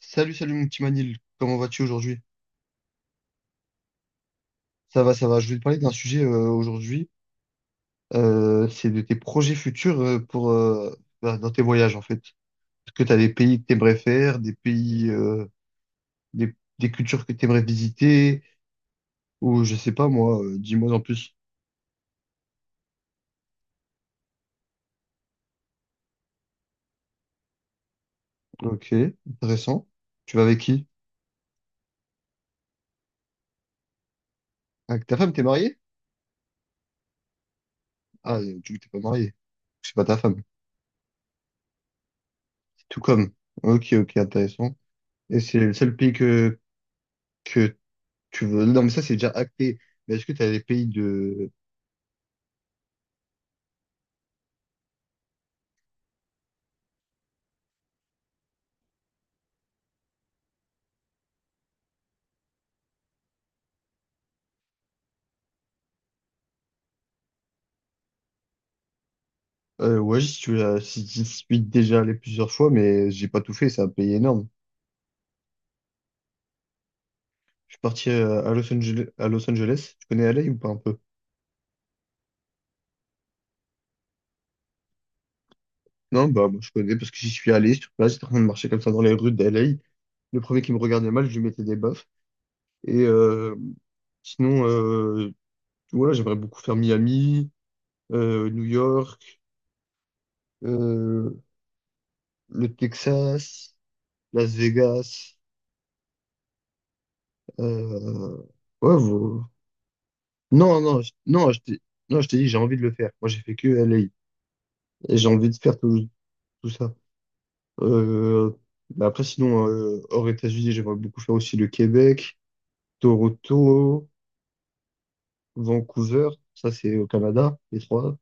Salut, salut mon petit Manil, comment vas-tu aujourd'hui? Ça va, ça va. Je vais te parler d'un sujet aujourd'hui, c'est de tes projets futurs pour bah, dans tes voyages en fait. Est-ce que tu as des pays que tu aimerais faire, des pays, des cultures que tu aimerais visiter, ou je sais pas moi, dis-moi en plus. Ok, intéressant. Tu vas avec qui? Avec ta femme, t'es marié? Ah, tu t'es pas marié. C'est pas ta femme. C'est tout comme. Ok, ok, intéressant. Et c'est le seul pays que tu veux... Non, mais ça, c'est déjà acté. Mais est-ce que tu as des pays de... Ouais, j'y suis, si j'y suis déjà allé plusieurs fois, mais j'ai pas tout fait. C'est un pays énorme. Je suis parti à Los Angeles, à Los Angeles. Tu connais LA ou pas un peu? Non, bah, moi, je connais parce que j'y suis allé sur place. J'étais en train de marcher comme ça dans les rues d'LA. Le premier qui me regardait mal, je lui mettais des baffes. Et euh, Sinon, voilà, j'aimerais beaucoup faire Miami, New York, euh, le Texas, Las Vegas. Euh, ouais. Non, non, non, non, je t'ai dit, j'ai envie de le faire. Moi, j'ai fait que LA. Et j'ai envie de faire tout, tout ça. Euh, mais après, sinon, hors États-Unis, j'aimerais beaucoup faire aussi le Québec, Toronto, Vancouver. Ça, c'est au Canada, les trois.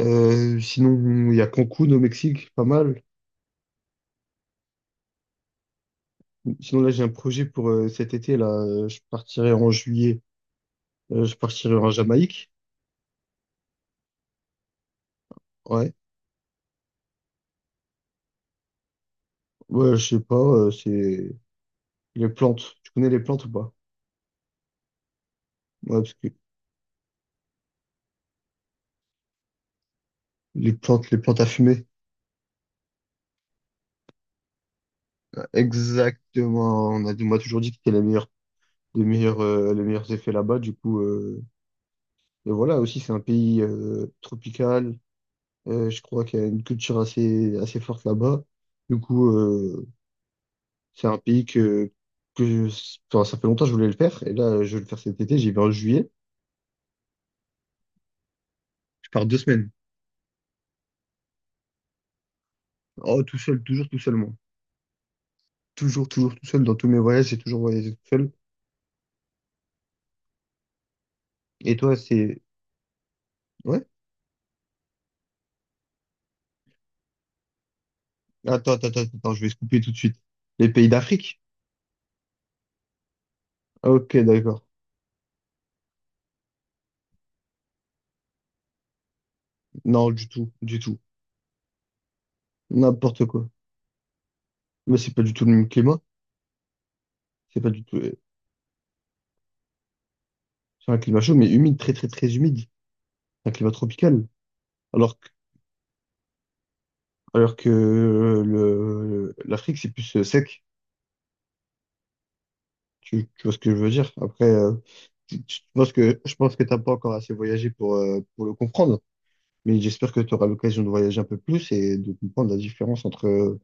Sinon, il y a Cancun au Mexique, pas mal. Sinon, là, j'ai un projet pour cet été, là. Je partirai en juillet. Je partirai en Jamaïque. Ouais. Ouais, je sais pas, c'est les plantes. Tu connais les plantes ou pas? Ouais, parce que les plantes à fumer. Exactement. On m'a toujours dit qu'il y a les meilleurs, les meilleurs effets là-bas. Du coup, et voilà, aussi, c'est un pays tropical. Je crois qu'il y a une culture assez, assez forte là-bas. Du coup, c'est un pays enfin, ça fait longtemps que je voulais le faire. Et là, je vais le faire cet été. J'y vais en juillet. Je pars 2 semaines. Oh, tout seul, toujours tout seul, moi. Toujours, toujours tout seul. Dans tous mes voyages, j'ai toujours voyagé tout seul. Et toi, c'est... Ouais? Attends, attends, attends, attends, je vais se couper tout de suite. Les pays d'Afrique? Ok, d'accord. Non, du tout, du tout. N'importe quoi. Mais c'est pas du tout le même climat. C'est pas du tout. C'est un climat chaud, mais humide, très, très, très humide. Un climat tropical. Alors que, l'Afrique, c'est plus sec. Tu vois ce que je veux dire? Après, je pense que t'as pas encore assez voyagé pour le comprendre. Mais j'espère que tu auras l'occasion de voyager un peu plus et de comprendre la différence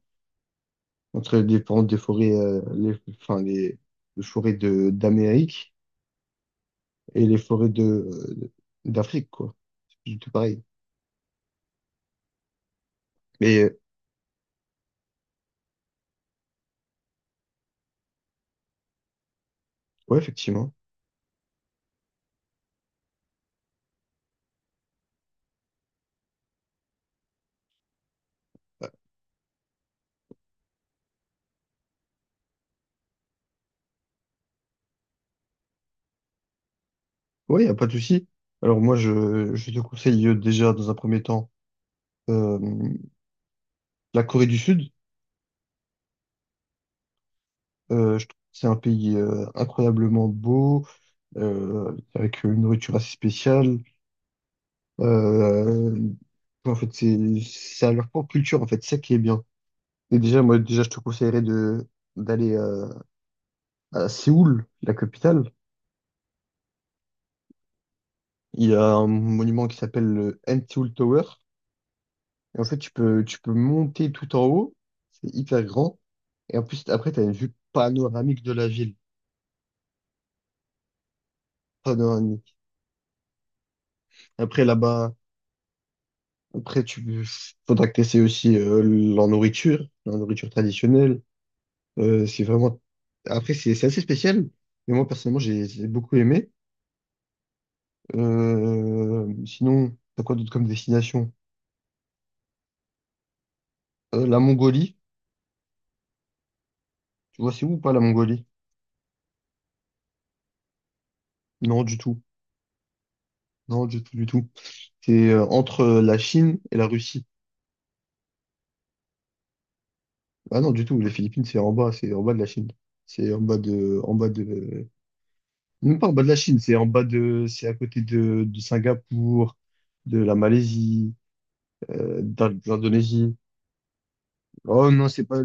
entre les différentes des forêts, enfin, les forêts d'Amérique et les forêts d'Afrique, quoi. C'est tout pareil. Mais ouais, effectivement. Euh, Ouais, y a pas de souci. Alors moi, je te conseille déjà dans un premier temps euh, la Corée du Sud. Je trouve que c'est un pays incroyablement beau, avec une nourriture assez spéciale. Euh, En fait, c'est à leur propre culture. En fait, c'est ça qui est bien. Et déjà, moi, déjà, je te conseillerais de d'aller à Séoul, la capitale. Il y a un monument qui s'appelle le N Seoul Tower. Et en fait, tu peux monter tout en haut. C'est hyper grand. Et en plus, après, tu as une vue panoramique de la ville. Panoramique. Après, là-bas, après, tu faudra que tu aussi la nourriture traditionnelle. C'est vraiment. Après, c'est assez spécial. Mais moi, personnellement, j'ai beaucoup aimé. Sinon, t'as quoi d'autre comme destination? La Mongolie. Tu vois, c'est où ou pas la Mongolie? Non, du tout. Non, du tout, du tout. C'est entre la Chine et la Russie. Ah non, du tout, les Philippines, c'est en bas de la Chine. C'est en bas de, même pas en bas de la Chine, c'est c'est à côté de Singapour, de la Malaisie, de l'Indonésie. Oh non, c'est pas,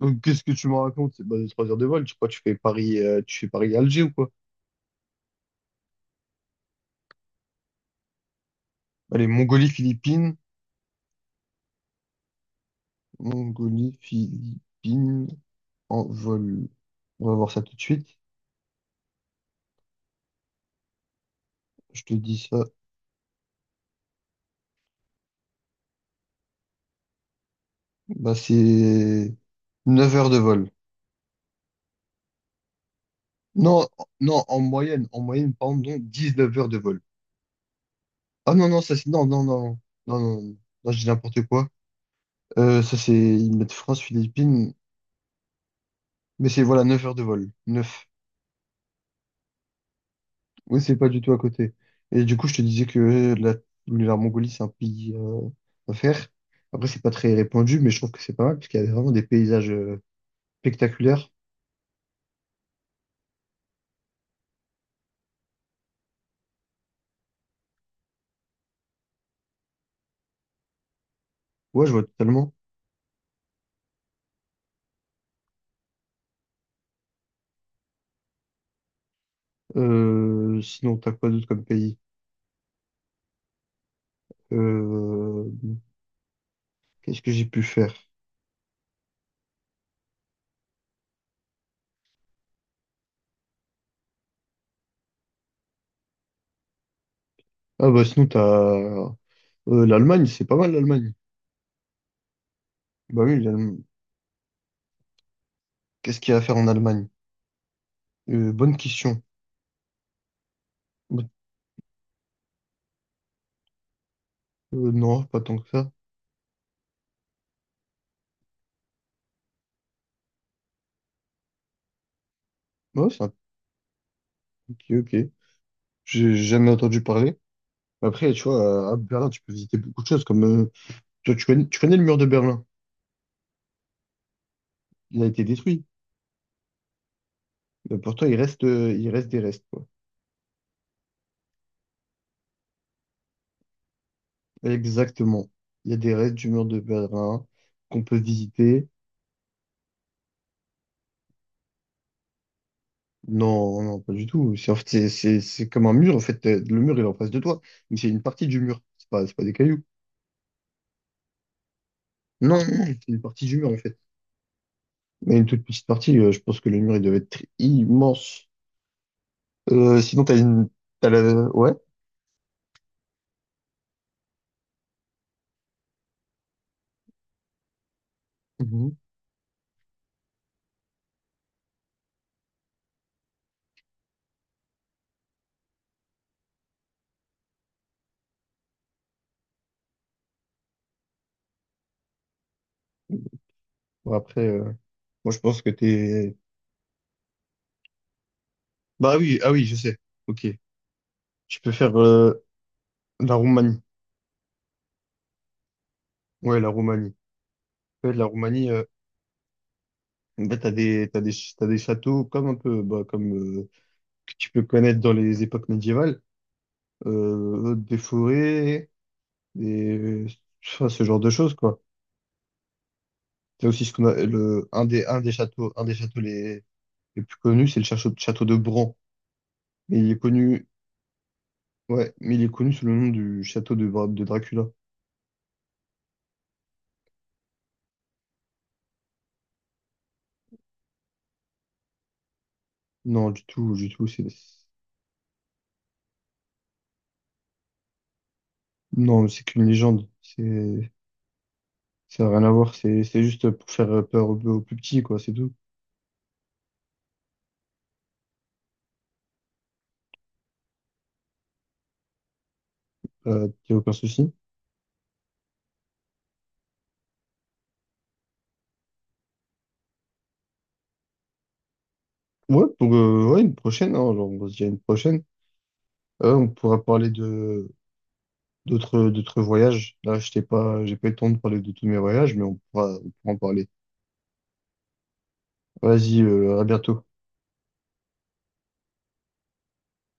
oh, qu'est-ce que tu me racontes? C'est pas de 3 heures de vol, tu crois que tu fais Paris, tu fais Paris-Alger ou quoi? Allez, Mongolie, Philippines, Mongolie, Philippines, en vol. On va voir ça tout de suite. Je te dis ça. Bah, c'est 9 heures de vol. Non, non, en moyenne, par exemple, donc 19 heures de vol. Ah non, non, ça c'est. Non, non, non, non, non, non, non, je dis n'importe quoi. Ça c'est. Ils mettent France, Philippines, mais c'est voilà 9 heures de vol. 9. Oui, c'est pas du tout à côté. Et du coup, je te disais que la Mongolie, c'est un pays à faire. Après, c'est pas très répandu, mais je trouve que c'est pas mal, parce qu'il y a vraiment des paysages spectaculaires. Ouais, je vois totalement. Sinon, t'as quoi d'autre comme pays? Euh, Qu'est-ce que j'ai pu faire? Ah bah sinon, t'as. L'Allemagne, c'est pas mal l'Allemagne. Bah oui, l'Allemagne. Qu'est-ce qu'il y a à faire en Allemagne? Bonne question. Bah, non, pas tant que ça. Ouais, c'est un... Ok, ok. J'ai jamais entendu parler. Après, tu vois, à Berlin, tu peux visiter beaucoup de choses, comme tu vois, tu connais le mur de Berlin. Il a été détruit. Mais pourtant, il reste des restes, quoi. Exactement. Il y a des restes du mur de Berlin qu'on peut visiter. Non, non, pas du tout. C'est en fait, c'est comme un mur. En fait, le mur, il est en face de toi, mais c'est une partie du mur. C'est pas des cailloux. Non, non, non, c'est une partie du mur, en fait. Mais une toute petite partie, je pense que le mur, il devait être immense. Sinon, t'as une... T'as la... Ouais. Mhm. Bon, après, moi, je pense que t'es... Bah oui, ah oui, je sais. Ok. Tu peux faire la Roumanie. Ouais, la Roumanie. Ouais, la Roumanie, en fait, t'as des châteaux comme un peu, bah, comme euh, que tu peux connaître dans les époques médiévales. Des forêts, des... enfin, ce genre de choses, quoi. Il y a aussi ce qu'on a, le, un des châteaux les plus connus, c'est le château de Bran. Mais il est connu, ouais, mais il est connu sous le nom du château de Dracula. Non, du tout, non, c'est qu'une légende. Ça n'a rien à voir. C'est juste pour faire peur aux plus petits, quoi, c'est tout. Y a aucun souci. Ouais, ouais, une prochaine, hein, genre, on se dit à une prochaine. On pourra parler d'autres voyages. Là, je t'ai pas, j'ai pas eu le temps de parler de tous mes voyages, mais on pourra en parler. Vas-y, à bientôt.